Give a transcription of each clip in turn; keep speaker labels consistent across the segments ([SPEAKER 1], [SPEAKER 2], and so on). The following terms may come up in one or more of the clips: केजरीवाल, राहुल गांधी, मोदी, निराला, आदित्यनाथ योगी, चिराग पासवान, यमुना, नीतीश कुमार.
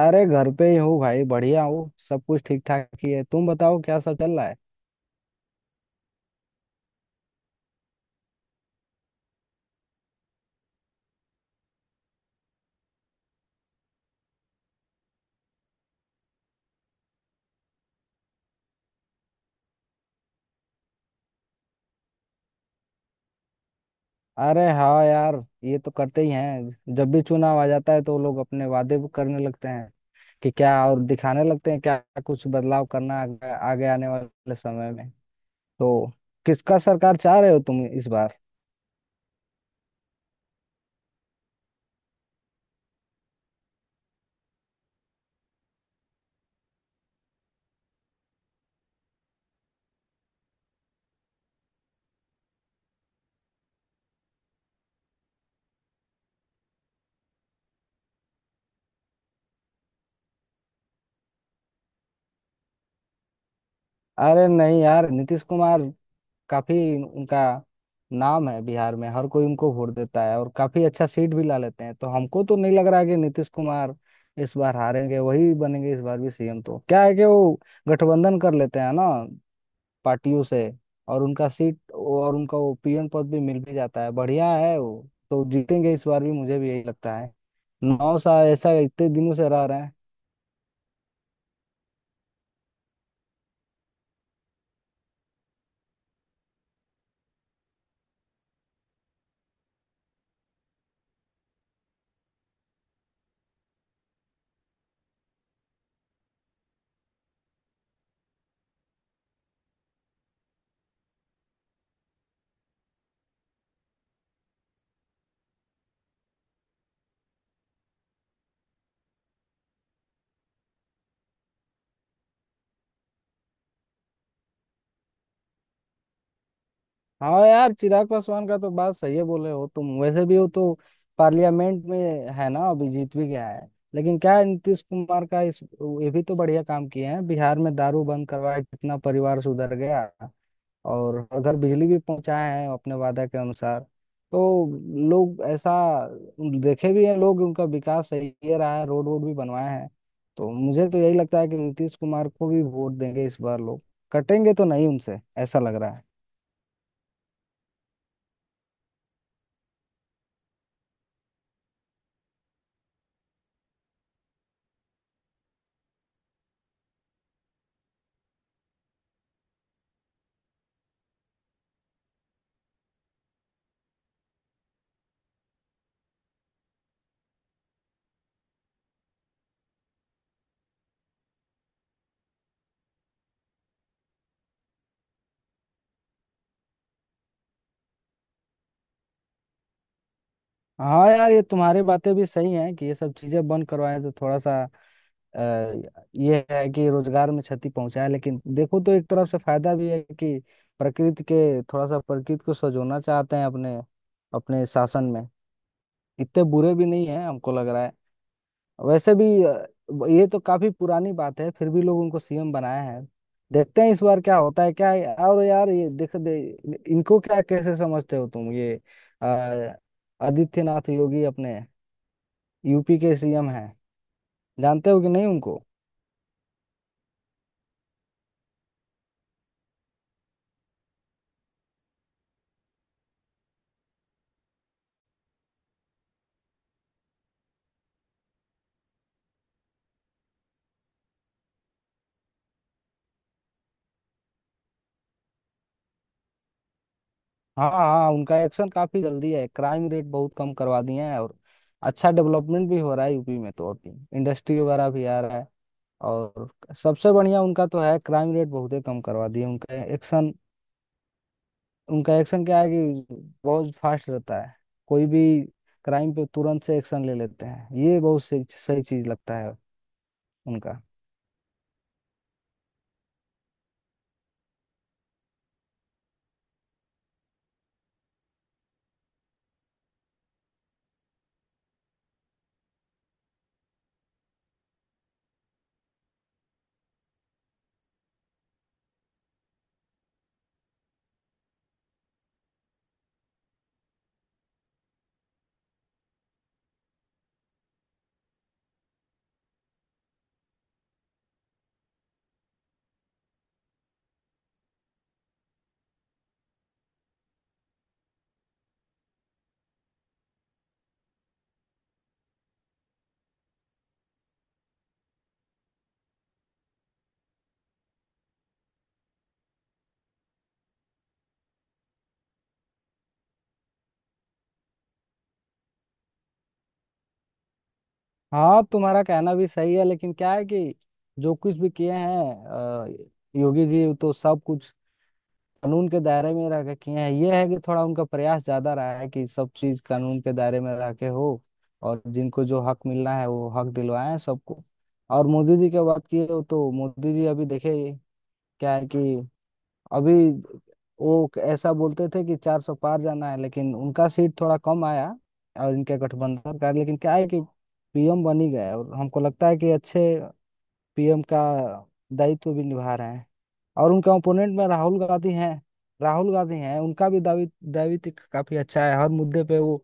[SPEAKER 1] अरे घर पे ही हूँ भाई। बढ़िया हूँ, सब कुछ ठीक ठाक ही है। तुम बताओ क्या सब चल रहा है। अरे हाँ यार, ये तो करते ही हैं। जब भी चुनाव आ जाता है तो लोग अपने वादे भी करने लगते हैं कि क्या और दिखाने लगते हैं क्या। कुछ बदलाव करना है आगे आने वाले समय में। तो किसका सरकार चाह रहे हो तुम इस बार। अरे नहीं यार, नीतीश कुमार काफी, उनका नाम है बिहार में। हर कोई उनको वोट देता है और काफी अच्छा सीट भी ला लेते हैं। तो हमको तो नहीं लग रहा है कि नीतीश कुमार इस बार हारेंगे। वही बनेंगे इस बार भी सीएम। तो क्या है कि वो गठबंधन कर लेते हैं ना पार्टियों से, और उनका सीट और उनका वो पीएम पद भी मिल भी जाता है। बढ़िया है, वो तो जीतेंगे इस बार भी। मुझे भी यही लगता है। 9 साल ऐसा इतने दिनों से रह रहे हैं। हाँ यार, चिराग पासवान का तो बात सही है बोले हो तुम। वैसे भी वो तो पार्लियामेंट में है ना, अभी जीत भी गया है। लेकिन क्या है, नीतीश कुमार का इस, ये भी तो बढ़िया काम किए हैं बिहार में। दारू बंद करवाया, कितना परिवार सुधर गया। और हर घर बिजली भी पहुंचाए हैं अपने वादा के अनुसार। तो लोग ऐसा देखे भी हैं। लोग उनका विकास सही है रहा है, रोड वोड भी बनवाए हैं। तो मुझे तो यही लगता है कि नीतीश कुमार को भी वोट देंगे इस बार लोग। कटेंगे तो नहीं उनसे, ऐसा लग रहा है। हाँ यार, ये तुम्हारी बातें भी सही हैं कि ये सब चीजें बंद करवाएं तो थोड़ा सा अ, ये है कि रोजगार में क्षति पहुंचाए। लेकिन देखो तो एक तरफ से फायदा भी है कि प्रकृति के थोड़ा सा, प्रकृति को सजोना चाहते हैं अपने अपने शासन में। इतने बुरे भी नहीं है हमको लग रहा है। वैसे भी ये तो काफी पुरानी बात है, फिर भी लोग उनको सीएम बनाया है। देखते हैं इस बार क्या होता है क्या है? और यार, ये देख दे इनको, क्या कैसे समझते हो तुम ये अ, आदित्यनाथ योगी। अपने यूपी के सीएम हैं, जानते हो कि नहीं उनको। हाँ हाँ, उनका एक्शन काफी जल्दी है। क्राइम रेट बहुत कम करवा दिए हैं और अच्छा डेवलपमेंट भी हो रहा है यूपी में। तो अभी इंडस्ट्री वगैरह भी आ रहा है। और सबसे बढ़िया उनका तो है, क्राइम रेट बहुत ही कम करवा दिए। उनका एक्शन क्या है कि बहुत फास्ट रहता है। कोई भी क्राइम पे तुरंत से एक्शन ले लेते हैं। ये बहुत सही सही चीज लगता है उनका। हाँ तुम्हारा कहना भी सही है। लेकिन क्या है कि जो कुछ भी किए हैं योगी जी तो सब कुछ कानून के दायरे में रह के किए हैं। ये है कि थोड़ा उनका प्रयास ज्यादा रहा है कि सब चीज कानून के दायरे में रह के हो। और जिनको जो हक मिलना है वो हक दिलवाए हैं सबको। और मोदी जी के बात की हो तो मोदी जी अभी देखे, क्या है कि अभी वो ऐसा बोलते थे कि 400 पार जाना है। लेकिन उनका सीट थोड़ा कम आया और इनके गठबंधन का। लेकिन क्या है कि पीएम बन ही गए और हमको लगता है कि अच्छे पीएम का दायित्व भी निभा रहे हैं। और उनके ओपोनेंट में राहुल गांधी हैं। राहुल गांधी हैं, उनका भी दावी दावित्व काफी अच्छा है। हर मुद्दे पे वो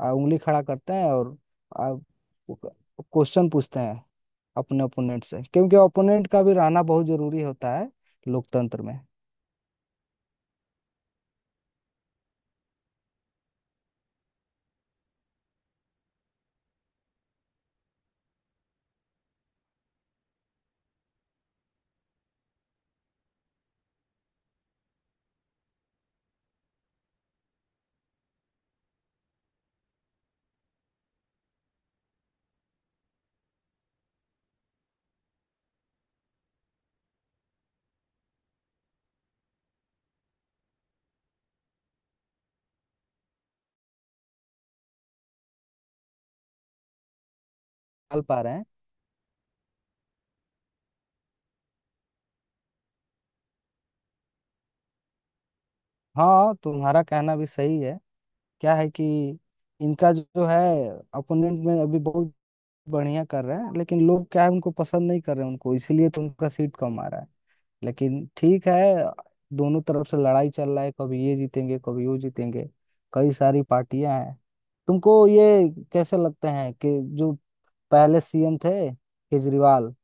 [SPEAKER 1] उंगली खड़ा करते हैं और क्वेश्चन पूछते हैं अपने ओपोनेंट से। क्योंकि ओपोनेंट का भी रहना बहुत जरूरी होता है लोकतंत्र में। चल पा रहे हैं। हाँ तुम्हारा कहना भी सही है। क्या है कि इनका जो है अपोनेंट में अभी बहुत बढ़िया कर रहे हैं। लेकिन लोग क्या है उनको पसंद नहीं कर रहे हैं उनको, इसीलिए तो उनका सीट कम आ रहा है। लेकिन ठीक है, दोनों तरफ से लड़ाई चल रहा है। कभी ये जीतेंगे कभी वो जीतेंगे। कई सारी पार्टियां हैं। तुमको ये कैसे लगते हैं कि जो पहले सीएम थे केजरीवाल,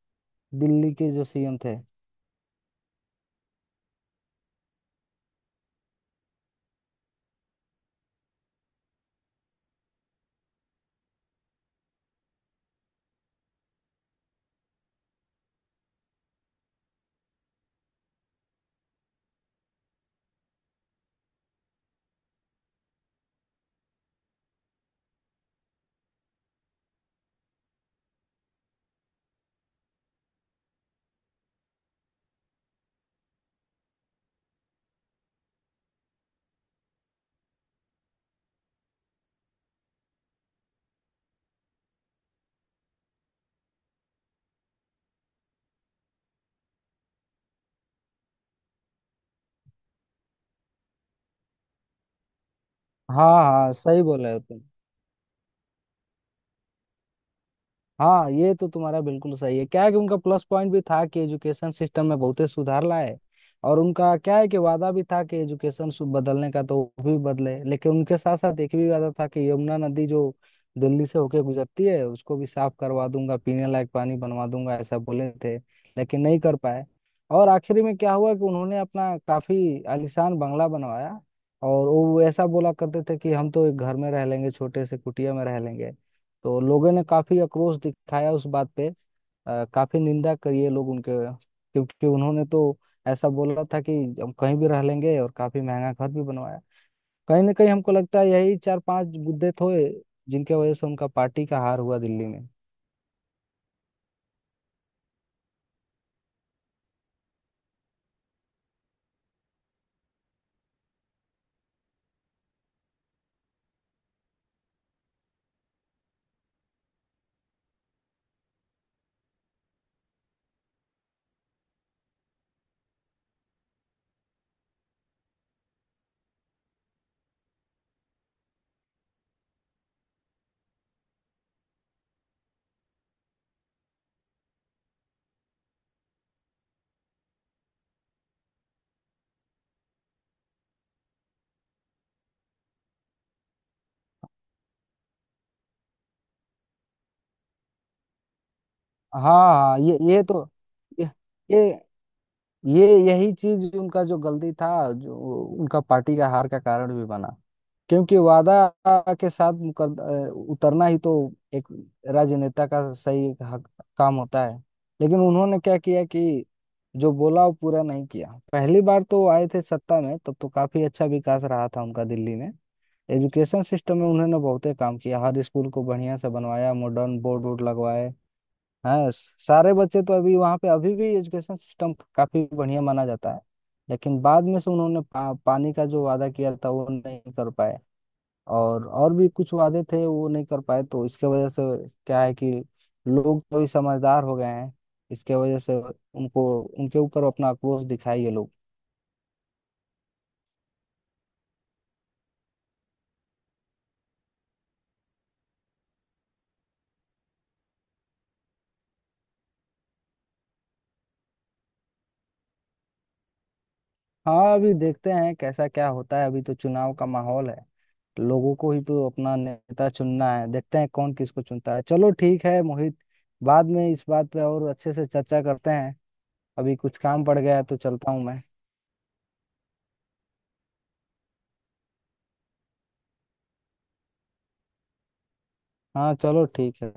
[SPEAKER 1] दिल्ली के जो सीएम थे। हाँ हाँ, सही बोले हो तुम। हाँ ये तो तुम्हारा बिल्कुल सही है। क्या है कि उनका प्लस पॉइंट भी था कि एजुकेशन सिस्टम में बहुत ही सुधार लाए। और उनका क्या है कि वादा भी था कि एजुकेशन बदलने का, तो वो भी बदले। लेकिन उनके साथ साथ एक भी वादा था कि यमुना नदी जो दिल्ली से होके गुजरती है उसको भी साफ करवा दूंगा, पीने लायक पानी बनवा दूंगा ऐसा बोले थे। लेकिन नहीं कर पाए। और आखिर में क्या हुआ कि उन्होंने अपना काफी आलीशान बंगला बनवाया। और वो ऐसा बोला करते थे कि हम तो एक घर में रह लेंगे, छोटे से कुटिया में रह लेंगे। तो लोगों ने काफी आक्रोश दिखाया उस बात पे। काफी निंदा करी है लोग उनके। क्योंकि उन्होंने तो ऐसा बोला था कि हम कहीं भी रह लेंगे, और काफी महंगा घर भी बनवाया। कहीं ना कहीं हमको लगता है यही 4-5 मुद्दे थे जिनके वजह से उनका पार्टी का हार हुआ दिल्ली में। हाँ हाँ, ये तो ये ये ये यही चीज उनका जो गलती था, जो उनका पार्टी का हार का कारण भी बना। क्योंकि वादा के साथ उतरना ही तो एक राजनेता का सही एक हक, काम होता है। लेकिन उन्होंने क्या किया कि जो बोला वो पूरा नहीं किया। पहली बार तो वो आए थे सत्ता में, तब तो काफी अच्छा विकास रहा था उनका दिल्ली में। एजुकेशन सिस्टम में उन्होंने बहुते काम किया, हर स्कूल को बढ़िया से बनवाया, मॉडर्न बोर्ड वोर्ड लगवाए। हाँ, सारे बच्चे तो अभी वहाँ पे अभी भी एजुकेशन सिस्टम काफी बढ़िया माना जाता है। लेकिन बाद में से उन्होंने पानी का जो वादा किया था वो नहीं कर पाए। और भी कुछ वादे थे वो नहीं कर पाए। तो इसके वजह से क्या है कि लोग तो भी समझदार हो गए हैं। इसके वजह से उनको उनके ऊपर अपना आक्रोश दिखाए ये लोग। हाँ, अभी देखते हैं कैसा क्या होता है। अभी तो चुनाव का माहौल है। लोगों को ही तो अपना नेता चुनना है, देखते हैं कौन किसको चुनता है। चलो ठीक है मोहित, बाद में इस बात पे और अच्छे से चर्चा करते हैं। अभी कुछ काम पड़ गया है तो चलता हूँ मैं। हाँ चलो ठीक है।